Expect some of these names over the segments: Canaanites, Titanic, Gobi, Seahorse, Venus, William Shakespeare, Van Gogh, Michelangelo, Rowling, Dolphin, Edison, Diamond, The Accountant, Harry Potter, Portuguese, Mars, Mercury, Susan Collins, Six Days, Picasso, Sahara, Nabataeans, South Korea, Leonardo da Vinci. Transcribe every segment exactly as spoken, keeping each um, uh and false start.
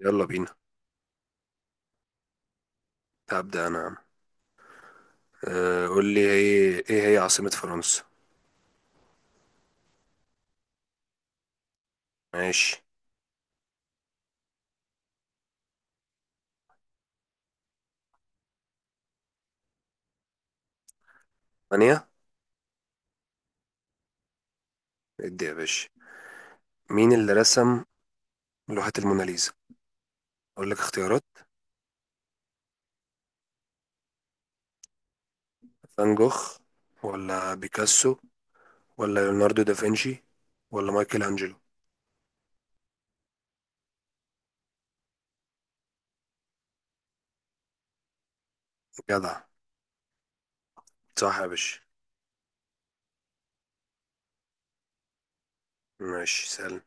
يلا بينا. هبدأ أنا يا عم. آه، قول لي هي إيه هي عاصمة فرنسا؟ ماشي. ثانية. ادي يا باشا. مين اللي رسم لوحة الموناليزا؟ أقول لك اختيارات: فان جوخ، ولا بيكاسو، ولا ليوناردو دافنشي، ولا مايكل أنجلو؟ جدع، صح يا باشا. ماشي، سهل.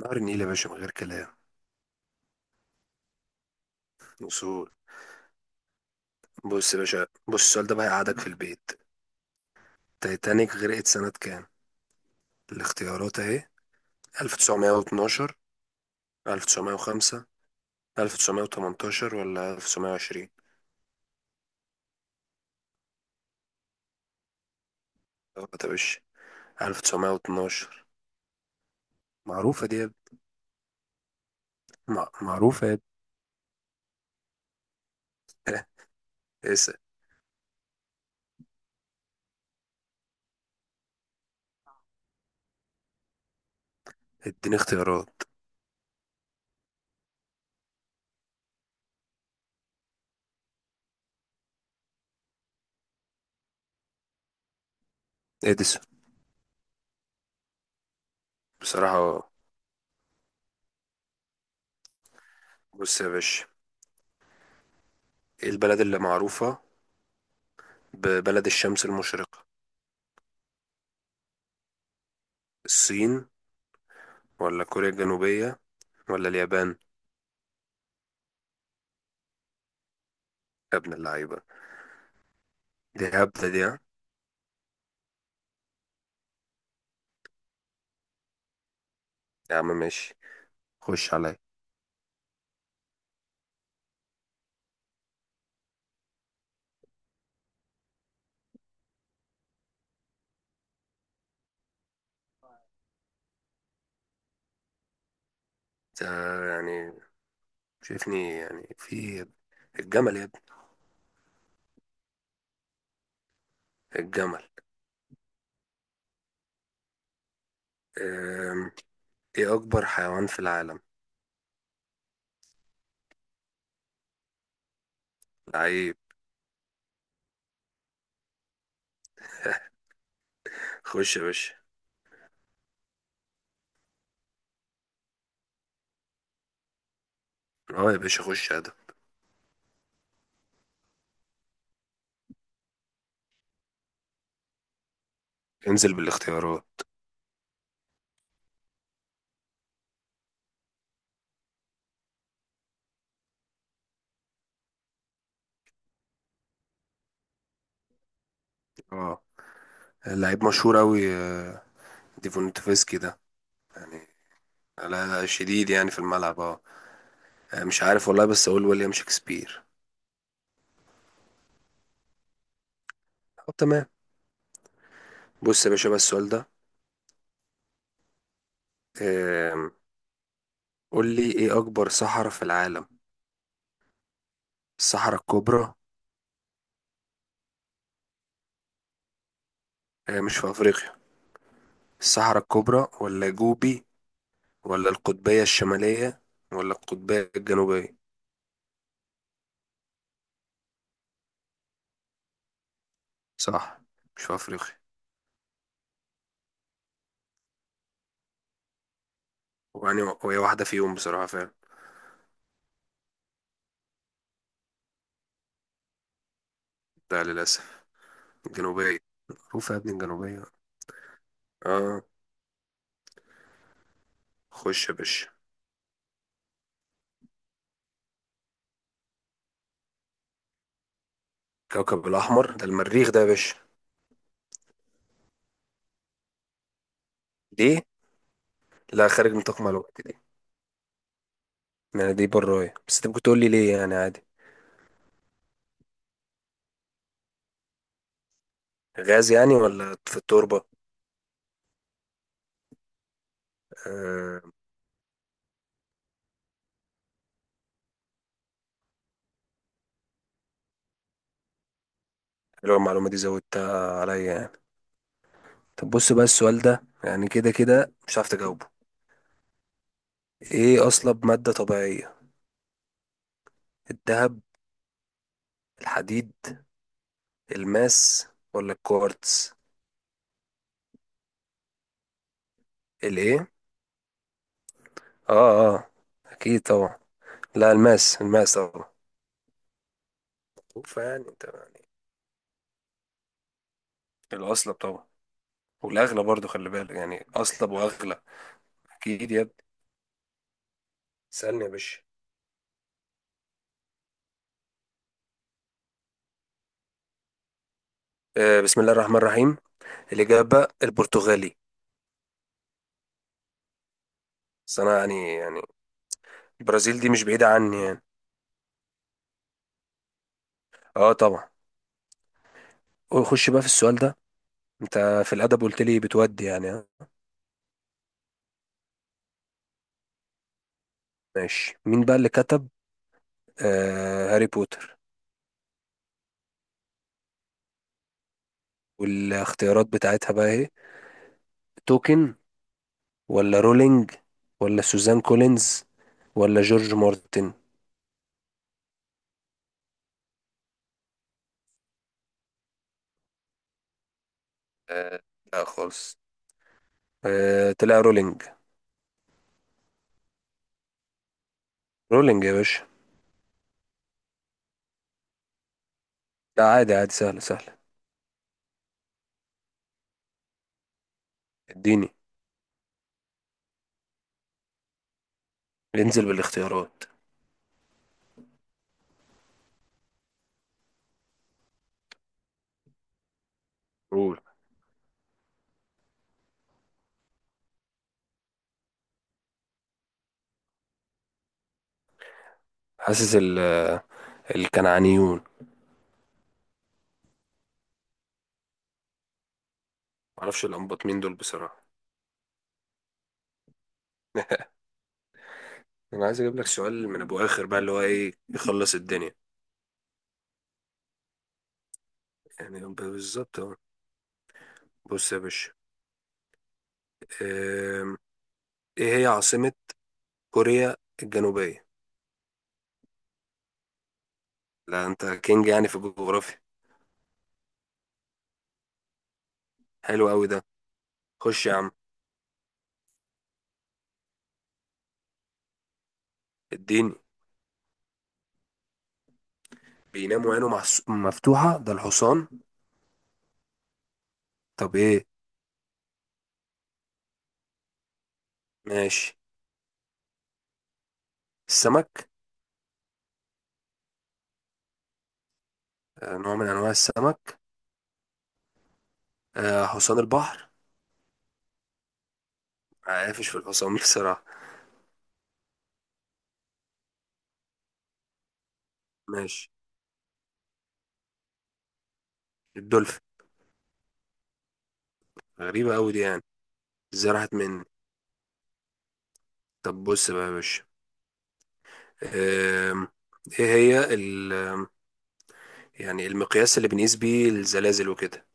نهر النيل يا باشا من غير كلام. وصول. بص يا باشا، بص السؤال ده بقى هيقعدك في البيت. تايتانيك غرقت سنة كام؟ الاختيارات أهي: ألف وتسعمية واتناشر، ألف وتسعمائة وخمسة، ألف وتسعمية وتمنتاشر، ولا ألف وتسعمية وعشرين؟ أه، طب إيش؟ ألف وتسعمائة واثنا عشر. معروفة دي يا ابني. مع- معروفة يا ابني. اسأل. اديني اختيارات. اديسون. بصراحة. بص يا باشا، ايه البلد اللي معروفة ببلد الشمس المشرقة؟ الصين، ولا كوريا الجنوبية، ولا اليابان؟ يا ابن اللعيبة، دي هبدة دي، ها؟ يا عم ماشي، خش عليا. انت يعني شايفني يعني في الجمل يا ابني. الجمل. أم، ايه أكبر حيوان في العالم؟ لعيب. خش يا باشا. اه يا باشا، خش يا ادم. انزل بالاختيارات. اه، لعيب مشهور اوي. آه، ديفونتوفسكي ده يعني. لا لا، شديد يعني في الملعب. اه، آه، مش عارف والله، بس اقول ويليام شكسبير. طب تمام. بص يا باشا بقى السؤال ده. آم، قول لي ايه اكبر صحراء في العالم؟ الصحراء الكبرى. آه، مش في افريقيا؟ الصحراء الكبرى، ولا جوبي، ولا القطبية الشمالية، ولا القطبية الجنوبية؟ صح، مش في افريقيا. ويعني وهي واحدة فيهم بصراحة فعلا. لا للأسف، جنوبية. معروفة يا ابني الجنوبية. اه. خش يا باشا. كوكب الأحمر ده المريخ ده يا باشا. دي، لا خارج نطاق معلوماتي دي. يعني دي براية، بس انت ممكن تقول لي ليه يعني عادي. غاز يعني ولا في التربة؟ آه، حلوة المعلومة دي، زودتها عليا يعني. طب بص بقى السؤال ده، يعني كده كده مش عارف تجاوبه. ايه أصلب مادة طبيعية؟ الذهب، الحديد، الماس، ولا الكوارتز؟ الايه؟ اه اه، اكيد طبعا. لا، الماس، الماس طبعا. فيعني انت يعني الأصلب طبعا. والأغلى برضو، خلي بالك، يعني أصلب وأغلى. أكيد يا ابني. سألني يا باشا. آه، بسم الله الرحمن الرحيم. الإجابة البرتغالي. بس أنا يعني يعني البرازيل دي مش بعيدة عني يعني. أه طبعا. خش بقى في السؤال ده. أنت في الأدب قلت لي بتودي يعني. آه، ماشي مين بقى اللي كتب آه هاري بوتر؟ والاختيارات بتاعتها بقى إيه؟ توكن، ولا رولينج، ولا سوزان كولينز، ولا جورج مارتن؟ آه، لا خالص. آه تلاقي رولينج. رولينج يا باشا. لا عادي عادي، سهلة سهلة. اديني. انزل بالاختيارات. قول. حاسس ال آه، الكنعانيون. معرفش الأنباط مين دول بصراحة. أنا عايز أجيب لك سؤال من أبو آخر بقى، اللي هو إيه يخلص الدنيا. يعني ب- بالظبط أهو. بص يا باشا. آم، إيه هي عاصمة كوريا الجنوبية؟ لا أنت كينج يعني في الجغرافيا. حلو أوي ده. خش يا عم. اديني. بيناموا عينه محس- مفتوحة ده الحصان. طب إيه؟ ماشي. السمك. آه، نوع من أنواع السمك. آه، حصان البحر. عارفش في الحصان بصراحة. ماشي. الدولفين. غريبة أوي دي يعني، ازاي راحت مني. طب بص بقى يا باشا. آم، ايه هي ال آم، يعني المقياس اللي بنقيس بيه الزلازل وكده؟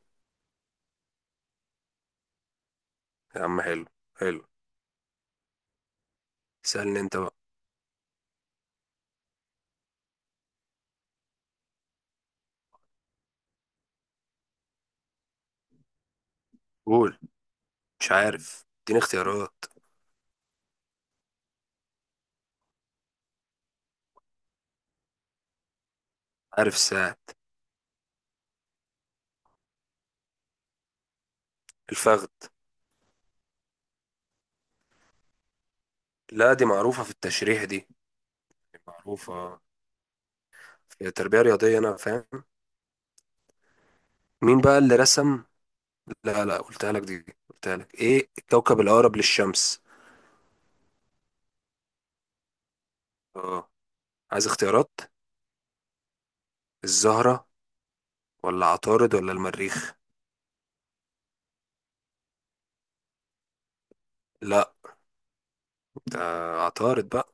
يا عم حلو، حلو. سألني انت بقى. قول. مش عارف، اديني اختيارات. عارف الساعة. الفخذ. لا دي معروفة في التشريح دي. معروفة في التربية الرياضية، أنا فاهم. مين بقى اللي رسم لا لا، قلتها لك دي، قلتها لك ايه الكوكب الاقرب للشمس. اه، عايز اختيارات. الزهرة، ولا عطارد، ولا المريخ؟ لا ده. عطارد بقى.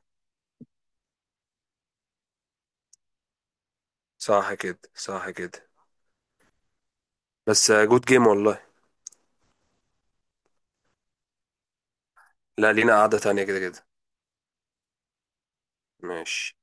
صح كده، صح كده. بس جود جيم والله. لا لينا قعدة تانية كده كده. ماشي.